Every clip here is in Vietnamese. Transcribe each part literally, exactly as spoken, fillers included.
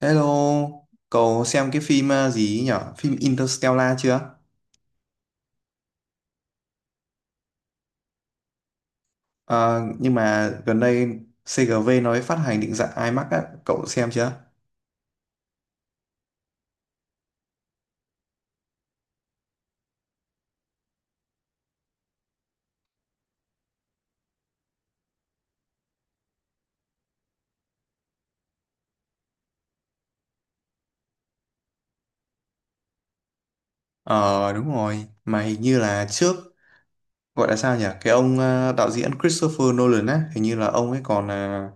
Hello, cậu xem cái phim ờ, gì ấy nhở? Phim Interstellar chưa? Ờ, nhưng mà gần đây xê giê vê nói phát hành định dạng IMAX á, cậu xem chưa? Ờ đúng rồi, mà hình như là trước gọi là sao nhỉ? Cái ông ờ, đạo diễn Christopher Nolan á, hình như là ông ấy còn ờ,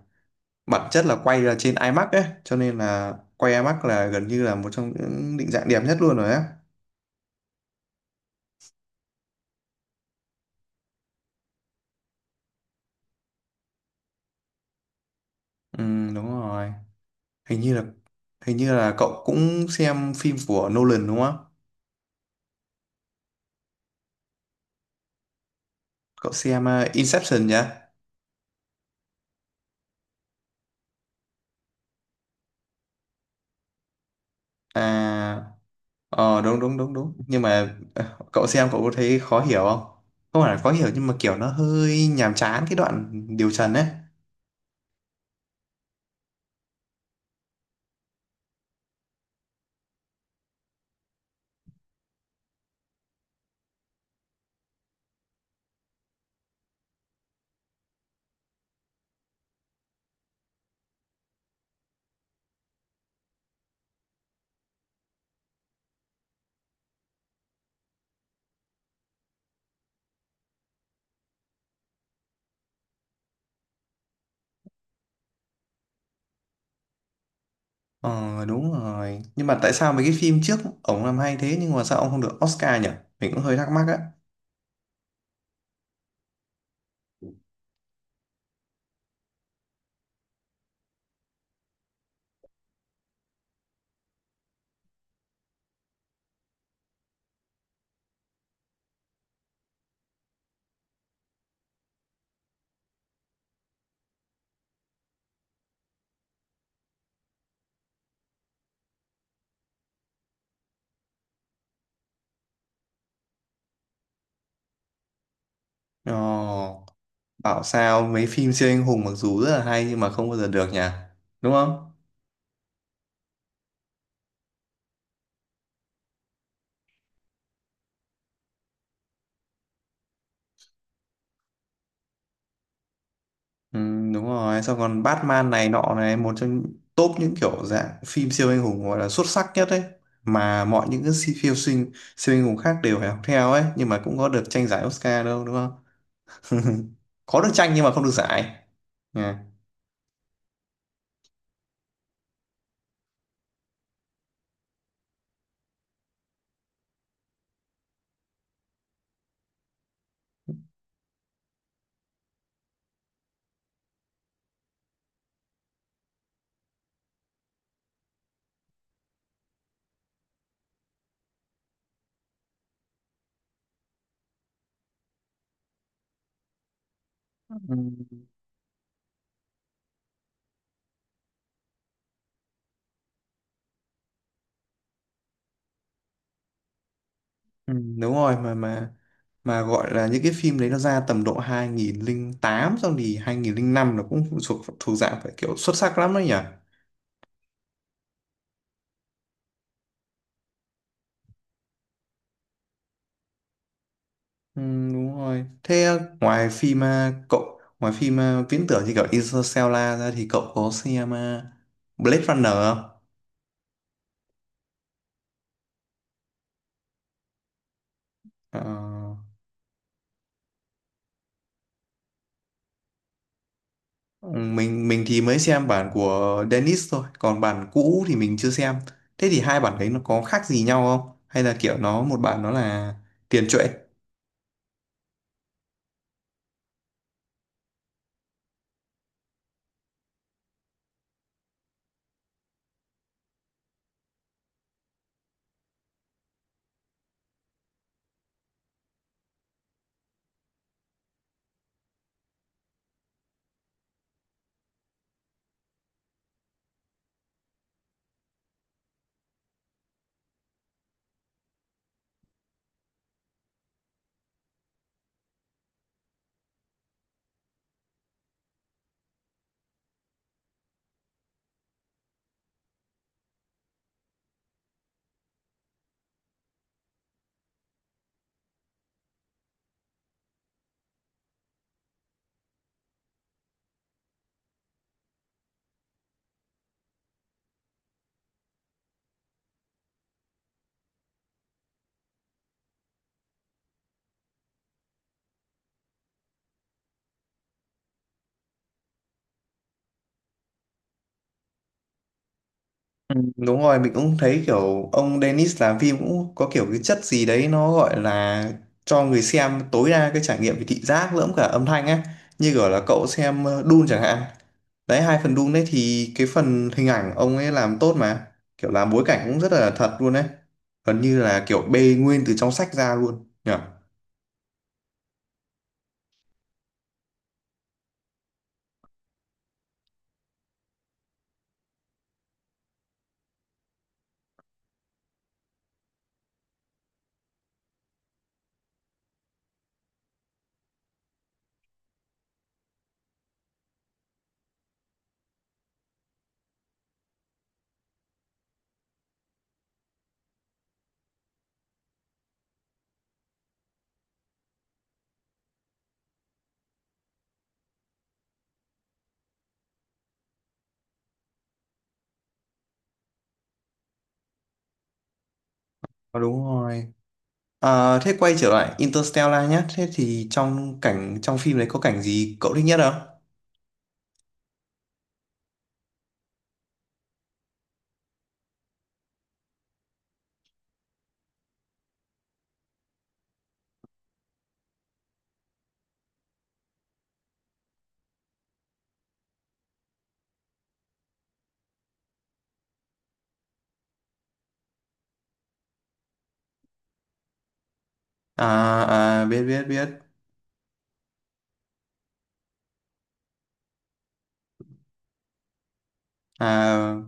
bản chất là quay ra trên IMAX ấy, cho nên là quay IMAX là gần như là một trong những định dạng đẹp nhất luôn rồi á. Ừ đúng rồi, hình như là hình như là cậu cũng xem phim của Nolan đúng không? Cậu xem ờ, Inception nhá. À ờ, đúng đúng đúng đúng nhưng mà ờ, cậu xem cậu có thấy khó hiểu không, không phải là khó hiểu nhưng mà kiểu nó hơi nhàm chán cái đoạn điều trần ấy. Ờ đúng rồi, nhưng mà tại sao mấy cái phim trước ổng làm hay thế nhưng mà sao ông không được Oscar nhỉ? Mình cũng hơi thắc mắc á. Ờ, bảo sao mấy phim siêu anh hùng mặc dù rất là hay nhưng mà không bao giờ được nhỉ, đúng không? Ừ, đúng rồi, xong còn Batman này nọ này, một trong top những kiểu dạng phim siêu anh hùng gọi là xuất sắc nhất ấy, mà mọi những cái si- siêu sinh, siêu anh hùng khác đều phải học theo ấy nhưng mà cũng có được tranh giải Oscar đâu đúng không? Có được tranh nhưng mà không được giải. Nha. Ừ. Ừ, đúng rồi, mà mà mà gọi là những cái phim đấy nó ra tầm độ hai không không tám xong thì hai không không năm nó cũng thuộc thuộc dạng phải kiểu xuất sắc lắm đấy nhỉ. Ừ, đúng rồi. Thế ờ, ngoài phim à, cậu ngoài phim à, viễn tưởng như kiểu Interstellar ra thì cậu có xem à, Blade Runner không? Ờ, mình mình thì mới xem bản của Dennis thôi, còn bản cũ thì mình chưa xem. Thế thì hai bản đấy nó có khác gì nhau không? Hay là kiểu nó một bản nó là tiền truyện? Ừ, đúng rồi, mình cũng thấy kiểu ông Dennis làm phim cũng có kiểu cái chất gì đấy nó gọi là cho người xem tối đa cái trải nghiệm về thị giác lẫn cả âm thanh á. Như kiểu là cậu xem ờ, Dune chẳng hạn. Đấy, hai phần Dune đấy thì cái phần hình ảnh ông ấy làm tốt mà. Kiểu làm bối cảnh cũng rất là thật luôn đấy. Gần như là kiểu bê nguyên từ trong sách ra luôn. Nhỉ? Ờ, đúng rồi. À, thế quay trở lại Interstellar nhé. Thế thì trong cảnh trong phim đấy có cảnh gì cậu thích nhất không? À, à biết biết biết. À,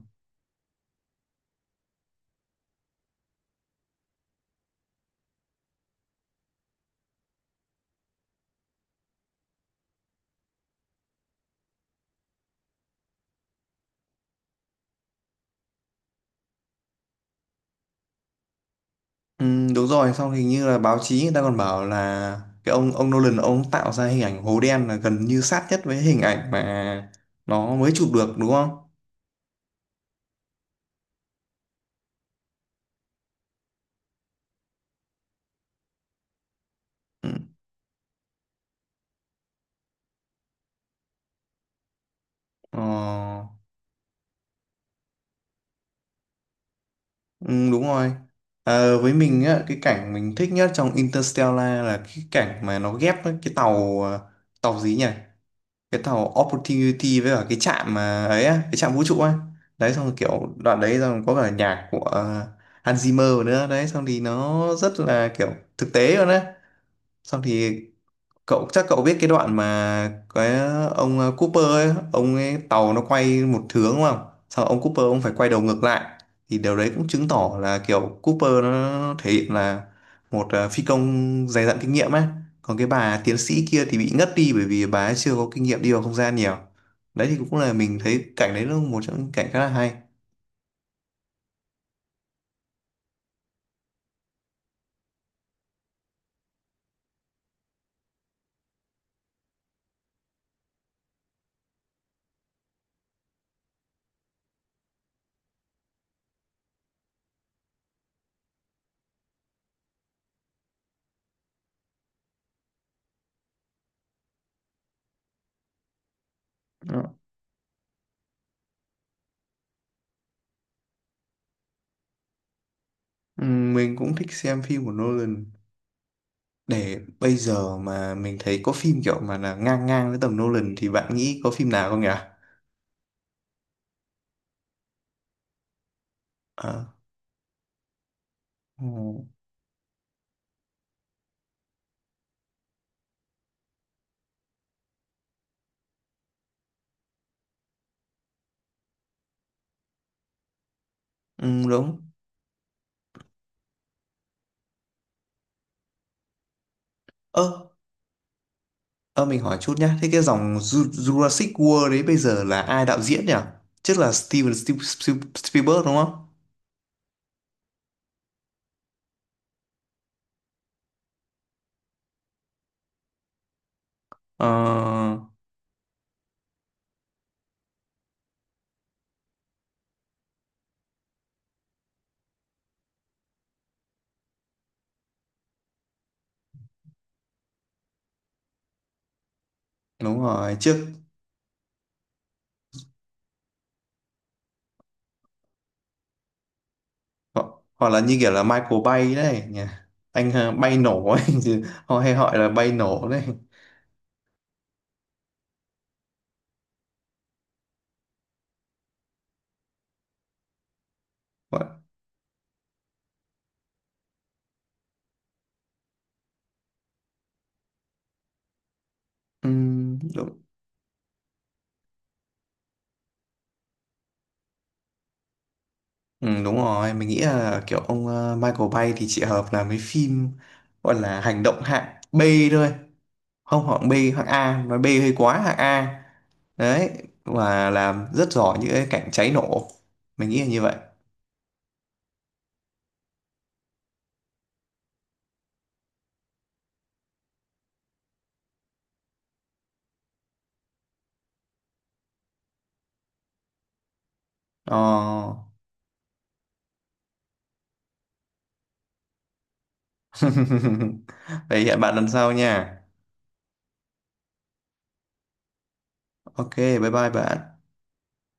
ừm, đúng rồi, xong hình như là báo chí người ta còn bảo là cái ông ông Nolan ông tạo ra hình ảnh hố đen là gần như sát nhất với hình ảnh mà nó mới chụp được đúng không? Ừ, ờ, ừm, đúng rồi. Ờ, với mình á, cái cảnh mình thích nhất trong Interstellar là cái cảnh mà nó ghép với cái tàu ờ, tàu gì nhỉ? Cái tàu Opportunity với cả cái trạm mà ấy á, cái trạm vũ trụ á, đấy xong rồi kiểu đoạn đấy xong có cả nhạc của ờ, Hans Zimmer nữa, đấy xong thì nó rất là kiểu thực tế luôn á, xong thì cậu chắc cậu biết cái đoạn mà cái ông ờ, Cooper ấy, ông ấy tàu nó quay một hướng đúng không? Sau ông Cooper ông phải quay đầu ngược lại, thì điều đấy cũng chứng tỏ là kiểu Cooper nó thể hiện là một ờ, phi công dày dặn kinh nghiệm ấy. Còn cái bà tiến sĩ kia thì bị ngất đi bởi vì bà ấy chưa có kinh nghiệm đi vào không gian nhiều. Đấy thì cũng là mình thấy cảnh đấy là một trong những cảnh khá là hay. Đó. Ừ, mình cũng thích xem phim của Nolan. Để bây giờ mà mình thấy có phim kiểu mà là ngang ngang với tầm Nolan thì bạn nghĩ có phim nào không nhỉ? Ờ, ừ, ừ, đúng. Ơ, ơ mình hỏi chút nhá. Thế cái dòng Ju- Jurassic World đấy bây giờ là ai đạo diễn nhỉ? Chắc là Steven Spiel- Spiel- Spielberg đúng không? Ờ, đúng rồi. Trước ho- hoặc là như kiểu là Michael Bay đấy nhỉ. Anh ờ, bay nổ ấy, chứ họ hay gọi là bay nổ đấy. Gọi- Ừ, đúng. Ừ, đúng rồi, mình nghĩ là kiểu ông ờ, Michael Bay thì chỉ hợp làm mấy phim gọi là hành động hạng bê thôi. Không hạng bê, hạng A, nói bê hơi quá hạng A. Đấy, và làm rất giỏi những cái cảnh cháy nổ. Mình nghĩ là như vậy. Ờ. Vậy hẹn bạn lần sau nha. Ok, bye bye bạn.